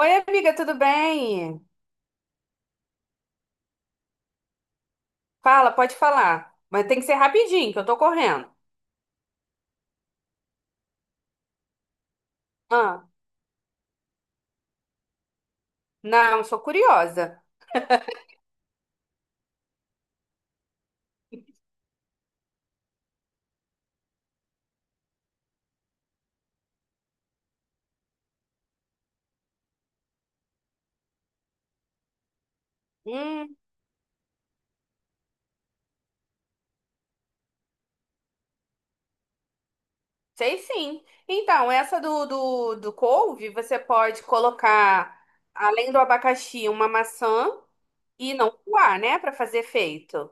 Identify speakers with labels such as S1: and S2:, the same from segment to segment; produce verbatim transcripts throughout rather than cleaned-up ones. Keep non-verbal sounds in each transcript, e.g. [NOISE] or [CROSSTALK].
S1: Oi, amiga, tudo bem? Fala, pode falar. Mas tem que ser rapidinho, que eu tô correndo. Ah, não, sou curiosa. Hum, sei sim. Então, essa do, do, do couve, você pode colocar, além do abacaxi, uma maçã e não coar, né? Pra fazer efeito.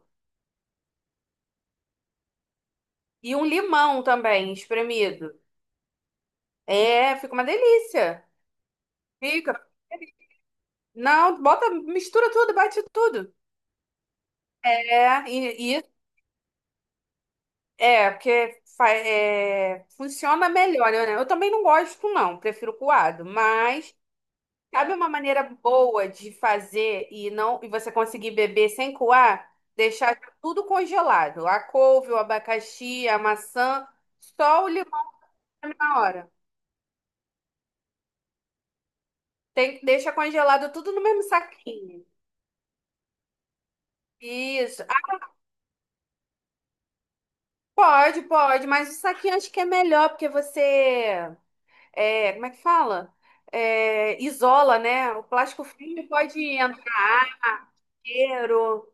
S1: E um limão também, espremido. É, fica uma delícia. Fica. Não, bota, mistura tudo, bate tudo. É, e, é, porque fa- é, funciona melhor, né? Eu também não gosto, não, prefiro coado, mas sabe uma maneira boa de fazer e não e você conseguir beber sem coar? Deixar tudo congelado. A couve, o abacaxi, a maçã, só o limão na hora. Tem que deixar congelado tudo no mesmo saquinho. Isso. Ah, pode, pode, mas o saquinho acho que é melhor, porque você é, como é que fala? É, isola, né? O plástico filme pode entrar inteiro.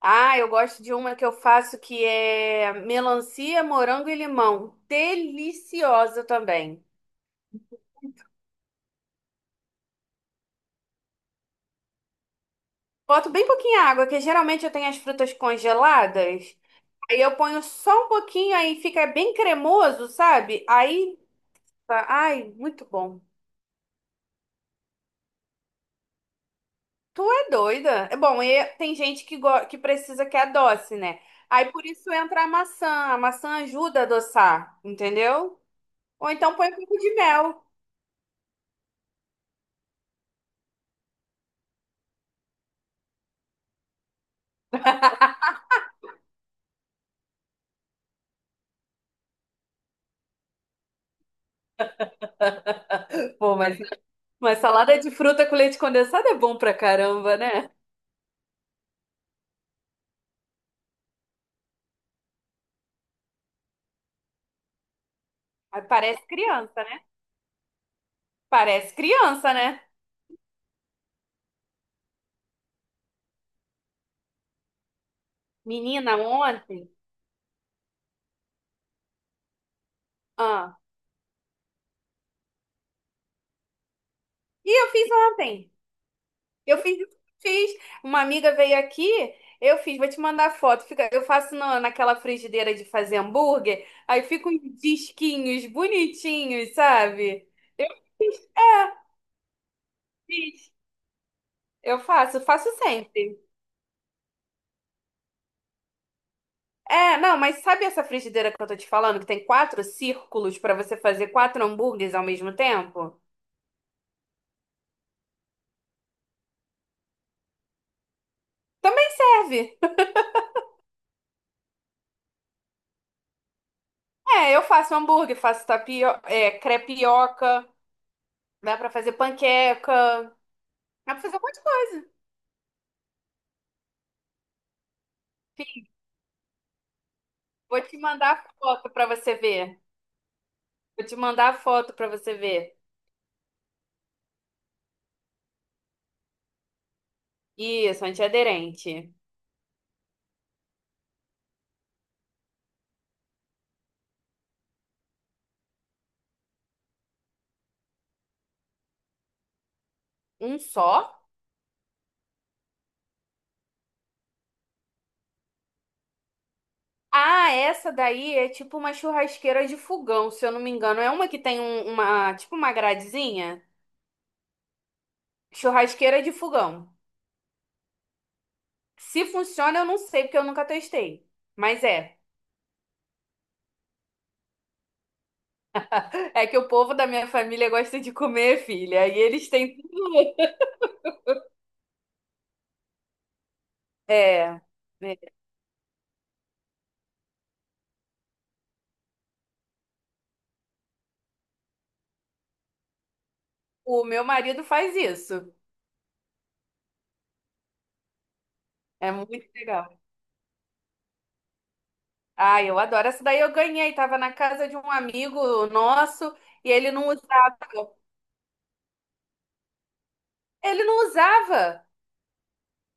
S1: Ah, eu gosto de uma que eu faço que é melancia, morango e limão. Deliciosa também. Boto bem pouquinho água, que geralmente eu tenho as frutas congeladas. Aí eu ponho só um pouquinho, aí fica bem cremoso, sabe? Aí, tá, ai, muito bom. Tu é doida? É bom, e tem gente que, go- que precisa que adoce, né? Aí por isso entra a maçã. A maçã ajuda a adoçar, entendeu? Ou então põe um pouco de mel. Pô, mas, mas salada de fruta com leite condensado é bom pra caramba, né? Aí parece criança, né? Parece criança, né? Menina, ontem. Ah, e eu fiz ontem. Eu fiz, fiz. Uma amiga veio aqui, eu fiz, vou te mandar foto. Fica, eu faço na, naquela frigideira de fazer hambúrguer, aí fica uns disquinhos bonitinhos, sabe? Eu fiz. Eu faço, faço sempre. É, não, mas sabe essa frigideira que eu tô te falando, que tem quatro círculos pra você fazer quatro hambúrgueres ao mesmo tempo? Também serve. É, eu faço hambúrguer, faço tapio, é, crepioca, dá pra fazer panqueca, dá pra fazer um monte de coisa. Vou te mandar foto para você ver. Vou te mandar foto para você ver. Isso, antiaderente. Um só? Ah, essa daí é tipo uma churrasqueira de fogão, se eu não me engano. É uma que tem um- uma, tipo uma gradezinha. Churrasqueira de fogão. Se funciona, eu não sei, porque eu nunca testei. Mas é. É que o povo da minha família gosta de comer, filha. E eles têm tudo. É. É. O meu marido faz isso. É muito legal. Ah, eu adoro. Essa daí eu ganhei. Tava na casa de um amigo nosso e ele não usava. Ele não usava.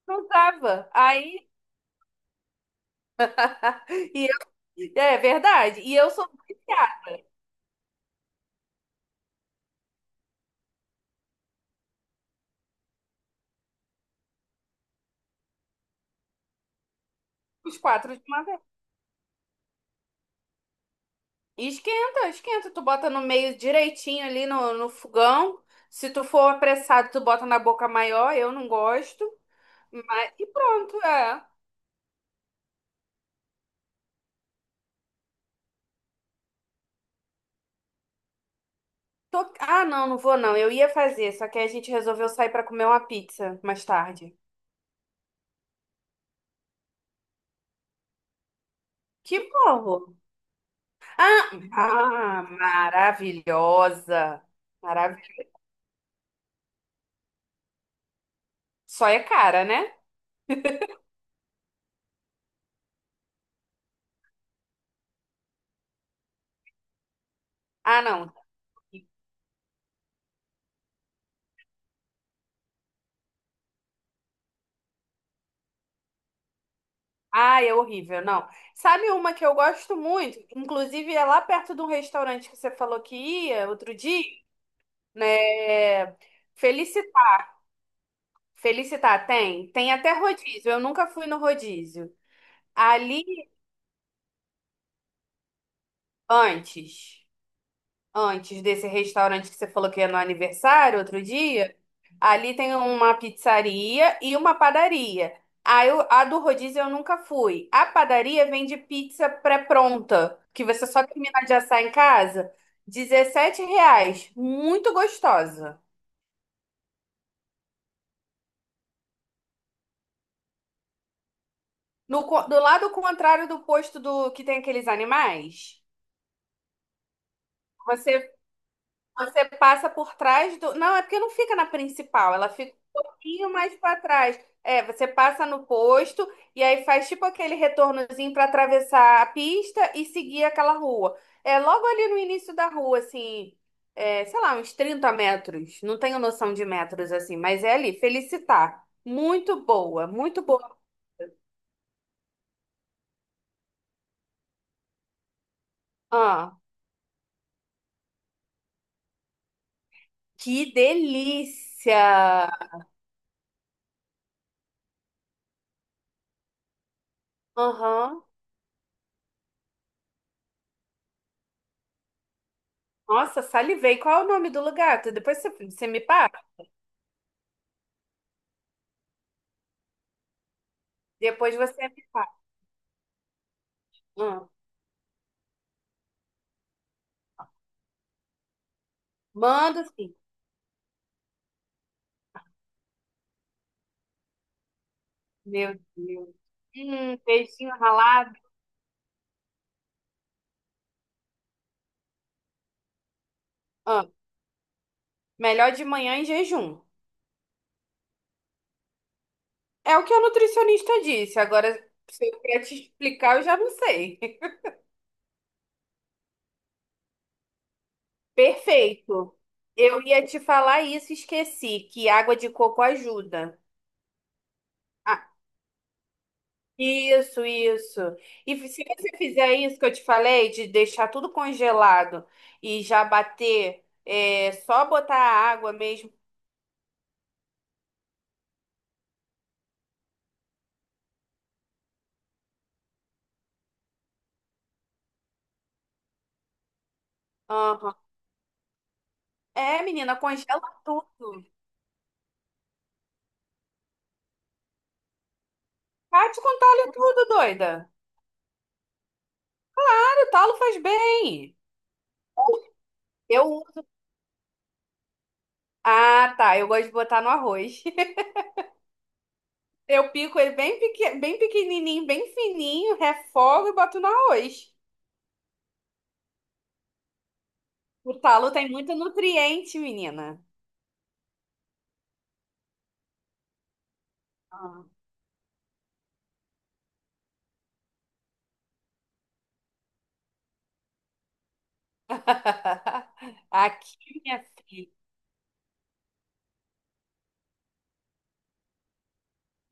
S1: Não usava. Aí, [LAUGHS] e eu- é verdade. E eu sou viciada. Os quatro de uma vez. E esquenta, esquenta. Tu bota no meio direitinho ali no, no fogão. Se tu for apressado, tu bota na boca maior. Eu não gosto. Mas, e pronto, é. Tô- Ah, não, não vou não. Eu ia fazer, só que a gente resolveu sair pra comer uma pizza mais tarde. Que bom! Ah, maravilhosa. Maravilhosa. Só é cara, né? Ah, não. Ah, é horrível, não. Sabe uma que eu gosto muito? Inclusive, é lá perto de um restaurante que você falou que ia outro dia, né? Felicitar. Felicitar tem? Tem até rodízio. Eu nunca fui no rodízio. Ali antes. Antes desse restaurante que você falou que ia no aniversário outro dia, ali tem uma pizzaria e uma padaria. A, eu, a do rodízio eu nunca fui. A padaria vende pizza pré-pronta, que você só termina de assar em casa, dezessete reais, muito gostosa. No, co- do lado contrário do posto do que tem aqueles animais, você você passa por trás do. Não, é porque não fica na principal, ela fica um pouquinho mais para trás. É, você passa no posto e aí faz tipo aquele retornozinho para atravessar a pista e seguir aquela rua. É logo ali no início da rua, assim, é, sei lá, uns trinta metros. Não tenho noção de metros assim, mas é ali. Felicitar. Muito boa, muito boa. Ah, que delícia! Aham. Nossa, salivei. Qual é o nome do lugar? Tu- Depois você, você me passa. Depois você me fala. Ah, manda sim. Meu Deus. Hum, peixinho ralado. Ah, melhor de manhã em jejum. É o que a nutricionista disse. Agora, se eu quer te explicar, eu já não sei. [LAUGHS] Perfeito. Eu ia te falar isso e esqueci, que água de coco ajuda. Ah, isso, isso. E se você fizer isso que eu te falei, de deixar tudo congelado e já bater, é, só botar a água mesmo. É, menina, congela tudo. Vai te contar ali tudo, doida. O talo faz bem. Eu uso. Ah, tá. Eu gosto de botar no arroz. [LAUGHS] Eu pico ele bem, pequ... bem pequenininho, bem fininho, refogo e boto no arroz. O talo tem muito nutriente, menina. Ah. [LAUGHS] Aqui, minha filha.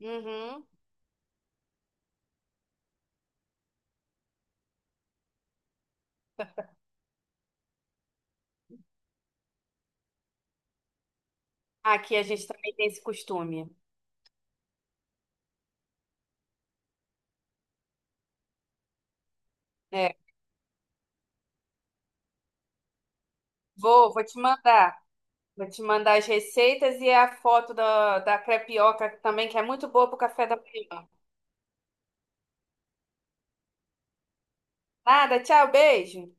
S1: Uhum. Aqui a gente também tem esse costume. É. Vou, vou te mandar. Vou te mandar as receitas e a foto da, da crepioca também, que é muito boa pro café da manhã. Nada, tchau, beijo.